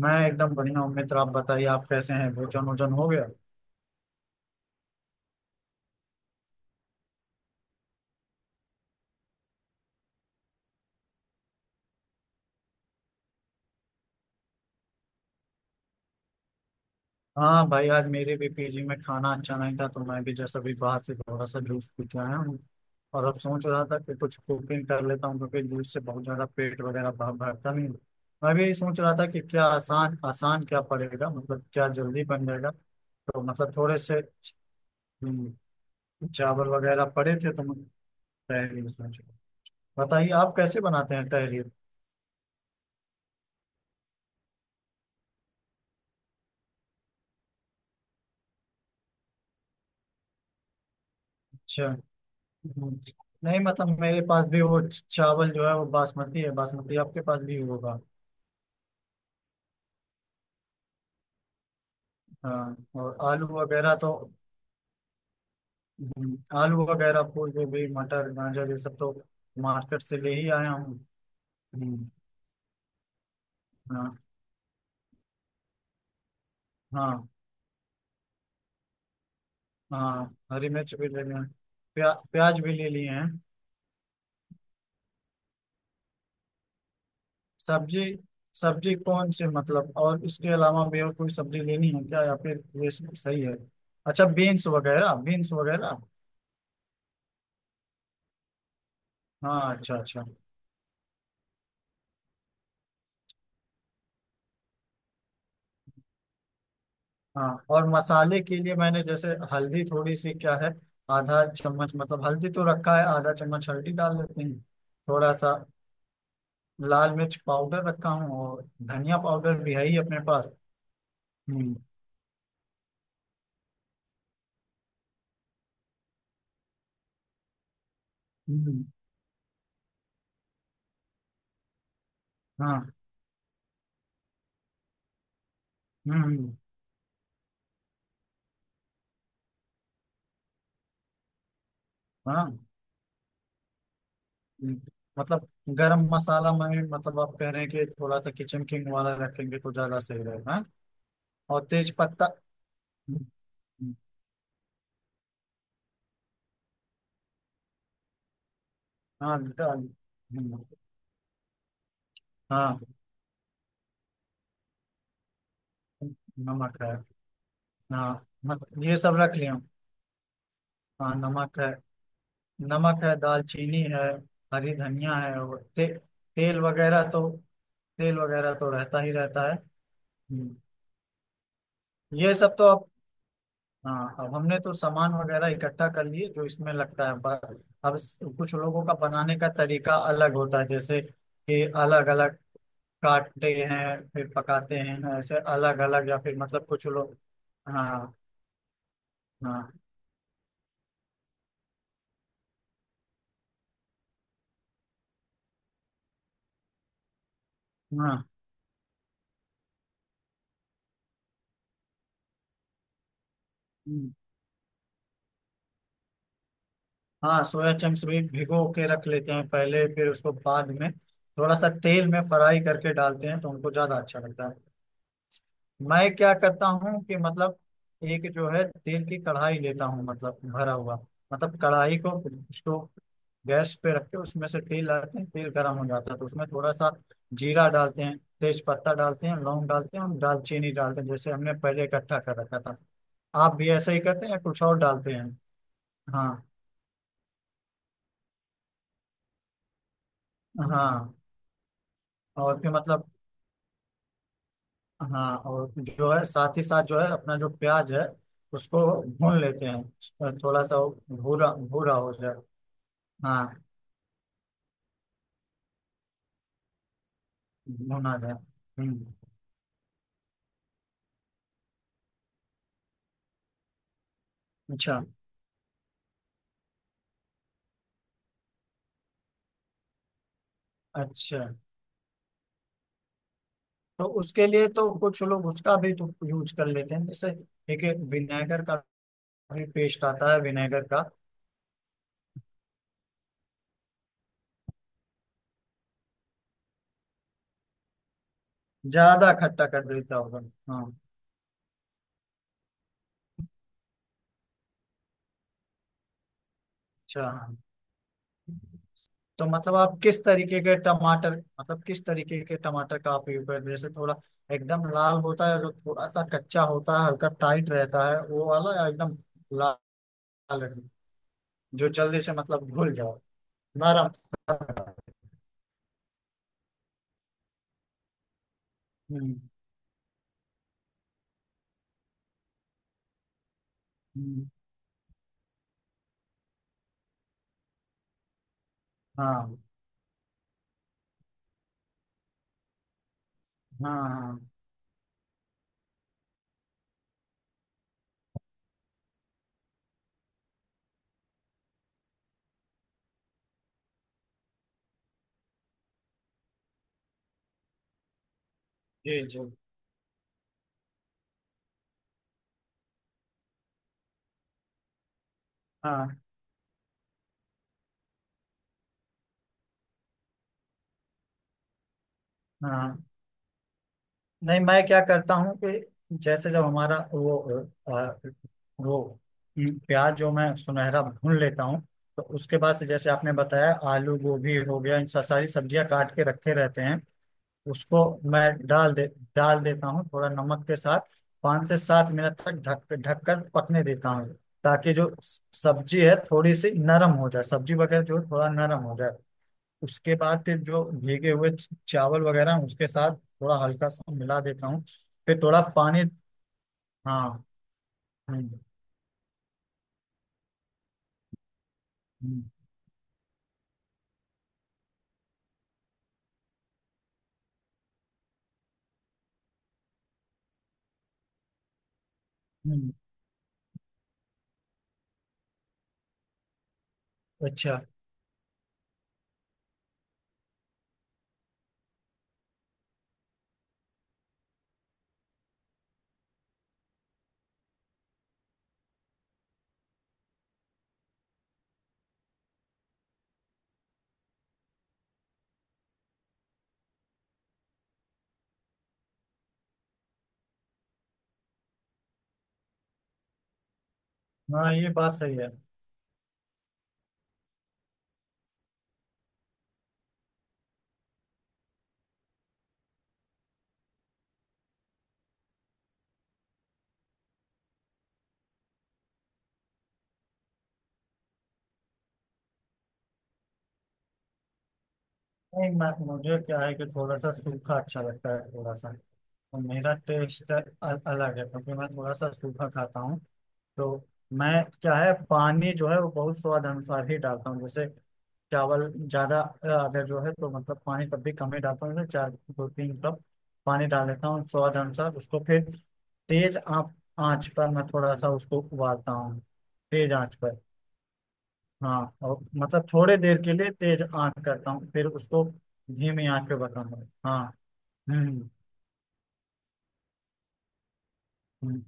मैं एकदम बढ़िया हूँ मित्र। आप बताइए, आप कैसे हैं? भोजन वोजन हो गया? हाँ भाई, आज मेरे भी पीजी में खाना अच्छा नहीं था तो मैं भी जैसे अभी बाहर से थोड़ा सा जूस पी के आया हूँ। और अब सोच रहा था कि कुछ कुकिंग कर लेता हूँ, क्योंकि जूस से बहुत ज़्यादा पेट वगैरह भर भरता नहीं। मैं भी यही सोच रहा था कि क्या आसान आसान क्या पड़ेगा, मतलब क्या जल्दी बन जाएगा। तो मतलब थोड़े से हम्म, चावल वगैरह पड़े थे तो मैं तहरीर सोच रहा। बताइए आप कैसे बनाते हैं तहरीर? अच्छा। हम्म। नहीं मतलब मेरे पास भी वो चावल जो है वो बासमती है। बासमती आपके पास भी होगा। हाँ, और आलू वगैरह तो आलू वगैरह फूलगोभी मटर गाजर ये सब तो मार्केट से ले ही आया हूँ। हम्म, हाँ हाँ। हाँ हरी मिर्च भी ले लिए हैं। प्याज भी ले लिए हैं। सब्जी। सब्जी कौन सी मतलब, और इसके अलावा भी और कोई सब्जी लेनी है क्या, या फिर ये सही है? अच्छा, बीन्स वगैरह। बीन्स वगैरह। हाँ, अच्छा अच्छा। हाँ और मसाले के लिए मैंने जैसे हल्दी थोड़ी सी क्या है, आधा चम्मच। मतलब हल्दी तो रखा है, आधा चम्मच हल्दी डाल लेते हैं। थोड़ा सा लाल मिर्च पाउडर रखा हूँ और धनिया पाउडर भी है ही अपने पास। हम्म हम्म। हाँ। हम्म हम्म, हाँ। हम्म। मतलब गरम मसाला में, मतलब आप कह रहे हैं कि थोड़ा सा किचन किंग वाला रखेंगे तो ज्यादा सही रहेगा, हाँ? और तेज पत्ता। हम्म, हम्म, हाँ हम्म, हाँ नमक है। हाँ ये सब रख लिया। हाँ नमक है। नमक है, दालचीनी है। हरी धनिया है। और तेल वगैरह तो तेल वगैरह तो रहता ही रहता है। हम्म, ये सब तो अब हाँ, अब हमने तो सामान वगैरह इकट्ठा कर लिए जो इसमें लगता है अब कुछ लोगों का बनाने का तरीका अलग होता है, जैसे कि अलग अलग काटते हैं फिर पकाते हैं, ऐसे अलग अलग, या फिर मतलब कुछ लोग हाँ हाँ हाँ। हाँ सोया चंक्स भी भिगो के रख लेते हैं पहले, फिर उसको बाद में थोड़ा सा तेल में फ्राई करके डालते हैं तो उनको ज्यादा अच्छा लगता है। मैं क्या करता हूँ कि मतलब एक जो है तेल की कढ़ाई लेता हूँ, मतलब भरा हुआ, मतलब कढ़ाई को स्टोव गैस पे रख के उसमें से तेल डालते हैं, तेल गर्म हो जाता है तो उसमें थोड़ा सा जीरा डालते हैं, तेज पत्ता डालते हैं, लौंग डालते हैं और दालचीनी डालते हैं, जैसे हमने पहले इकट्ठा कर रखा था। आप भी ऐसा ही करते हैं, या कुछ और डालते हैं? हाँ हाँ। और फिर मतलब, हाँ और जो है साथ ही साथ जो है अपना जो प्याज है उसको भून लेते हैं थोड़ा सा, वो भूरा भूरा हो जाए, हाँ भुना जाए। हम्म। अच्छा अच्छा। तो उसके लिए तो कुछ लोग उसका भी तो यूज कर लेते हैं, जैसे एक विनेगर का भी पेस्ट आता है विनेगर का, ज्यादा खट्टा कर देता होगा। हाँ अच्छा। तो मतलब आप किस तरीके के टमाटर, मतलब किस तरीके के टमाटर का आप यूज करते हैं, जैसे थोड़ा एकदम लाल होता है जो, थोड़ा सा कच्चा होता है, हल्का टाइट रहता है वो वाला, या एकदम लाल रहे? जो जल्दी से मतलब घुल जाओ, नरम। हम्म हम्म, हाँ हाँ हाँ जी जी हाँ हाँ। नहीं मैं क्या करता हूँ कि जैसे जब हमारा वो अ, वो प्याज जो मैं सुनहरा भून लेता हूँ, तो उसके बाद से जैसे आपने बताया आलू गोभी हो गया इन सारी सब्जियां काट के रखे रहते हैं उसको मैं डाल देता हूँ थोड़ा नमक के साथ। 5 से 7 मिनट तक ढक ढक कर पकने देता हूँ, ताकि जो सब्जी है थोड़ी सी नरम हो जाए, सब्जी वगैरह जो है, थोड़ा नरम हो जाए। उसके बाद फिर जो भीगे हुए चावल वगैरह हैं, उसके साथ थोड़ा हल्का सा मिला देता हूँ, फिर थोड़ा पानी। हाँ। हम्म हम्म, हम्म, अच्छा। हाँ ये बात सही है। नहीं मैं, मुझे क्या है कि थोड़ा सा सूखा अच्छा लगता है, थोड़ा सा। और मेरा टेस्ट अलग है, क्योंकि मैं थोड़ा सा सूखा खाता हूँ। तो मैं क्या है पानी जो है वो बहुत स्वाद अनुसार ही डालता हूँ, जैसे चावल ज्यादा अगर जो है तो मतलब पानी तब भी कम ही डालता हूँ, जैसे चार दो तीन कप पानी डाल लेता हूँ स्वाद अनुसार, उसको फिर तेज आँच आँच पर मैं थोड़ा सा उसको उबालता हूँ, तेज आँच पर। हाँ, और मतलब थोड़े देर के लिए तेज आँच करता हूँ, फिर उसको धीमी आँच पे पकाऊंगा, हाँ। हम्म हम्म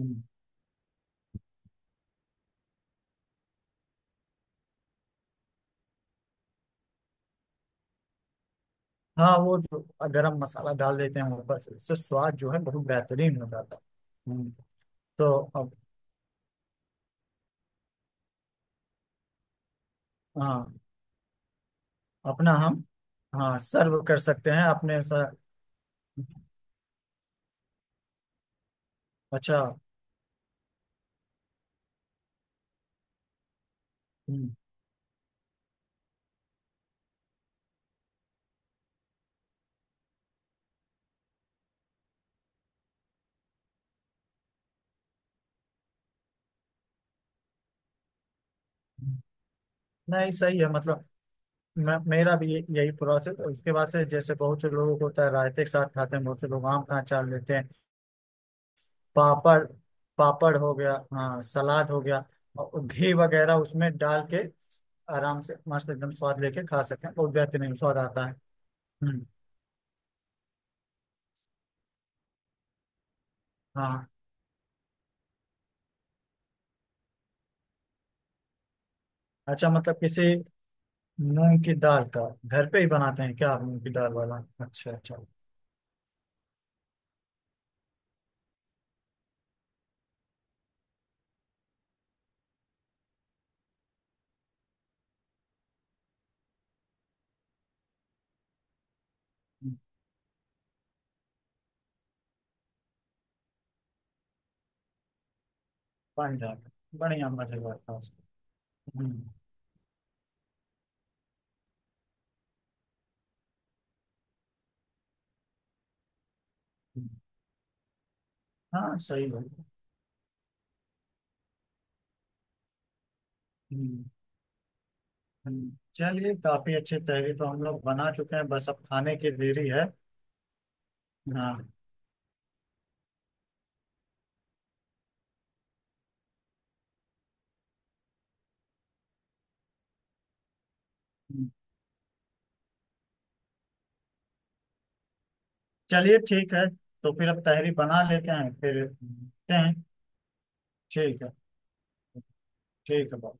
हम्म। हाँ वो जो गरम मसाला डाल देते हैं ऊपर से, उससे स्वाद जो है बहुत बेहतरीन हो जाता है, तो अब हाँ अपना हम, हाँ सर्व कर सकते हैं अपने अच्छा। हम्म, नहीं सही है। मतलब मेरा भी यही प्रोसेस। उसके बाद से जैसे बहुत से लोगों को होता है रायते के साथ खाते हैं, बहुत से लोग आम का अचार लेते हैं, पापड़। पापड़ हो गया, हाँ सलाद हो गया, और घी वगैरह उसमें डाल के आराम से मस्त एकदम स्वाद लेके खा सकते हैं, बहुत बेहतरीन स्वाद आता है। हम्म। हाँ अच्छा। मतलब किसी मूंग की दाल का घर पे ही बनाते हैं क्या आप, मूंग की दाल वाला? अच्छा अच्छा। हम्म, पानी डाल के। बढ़िया मजेदार था उसमें। हम्म हम्म, हाँ सही है। हम्म, हम्म। चलिए, काफी अच्छी तहरी तो हम लोग बना चुके हैं, बस अब खाने की देरी है। हाँ। हम्म, चलिए ठीक है। तो फिर अब तहरी बना लेते हैं, फिर मिलते हैं। ठीक है। ठीक है।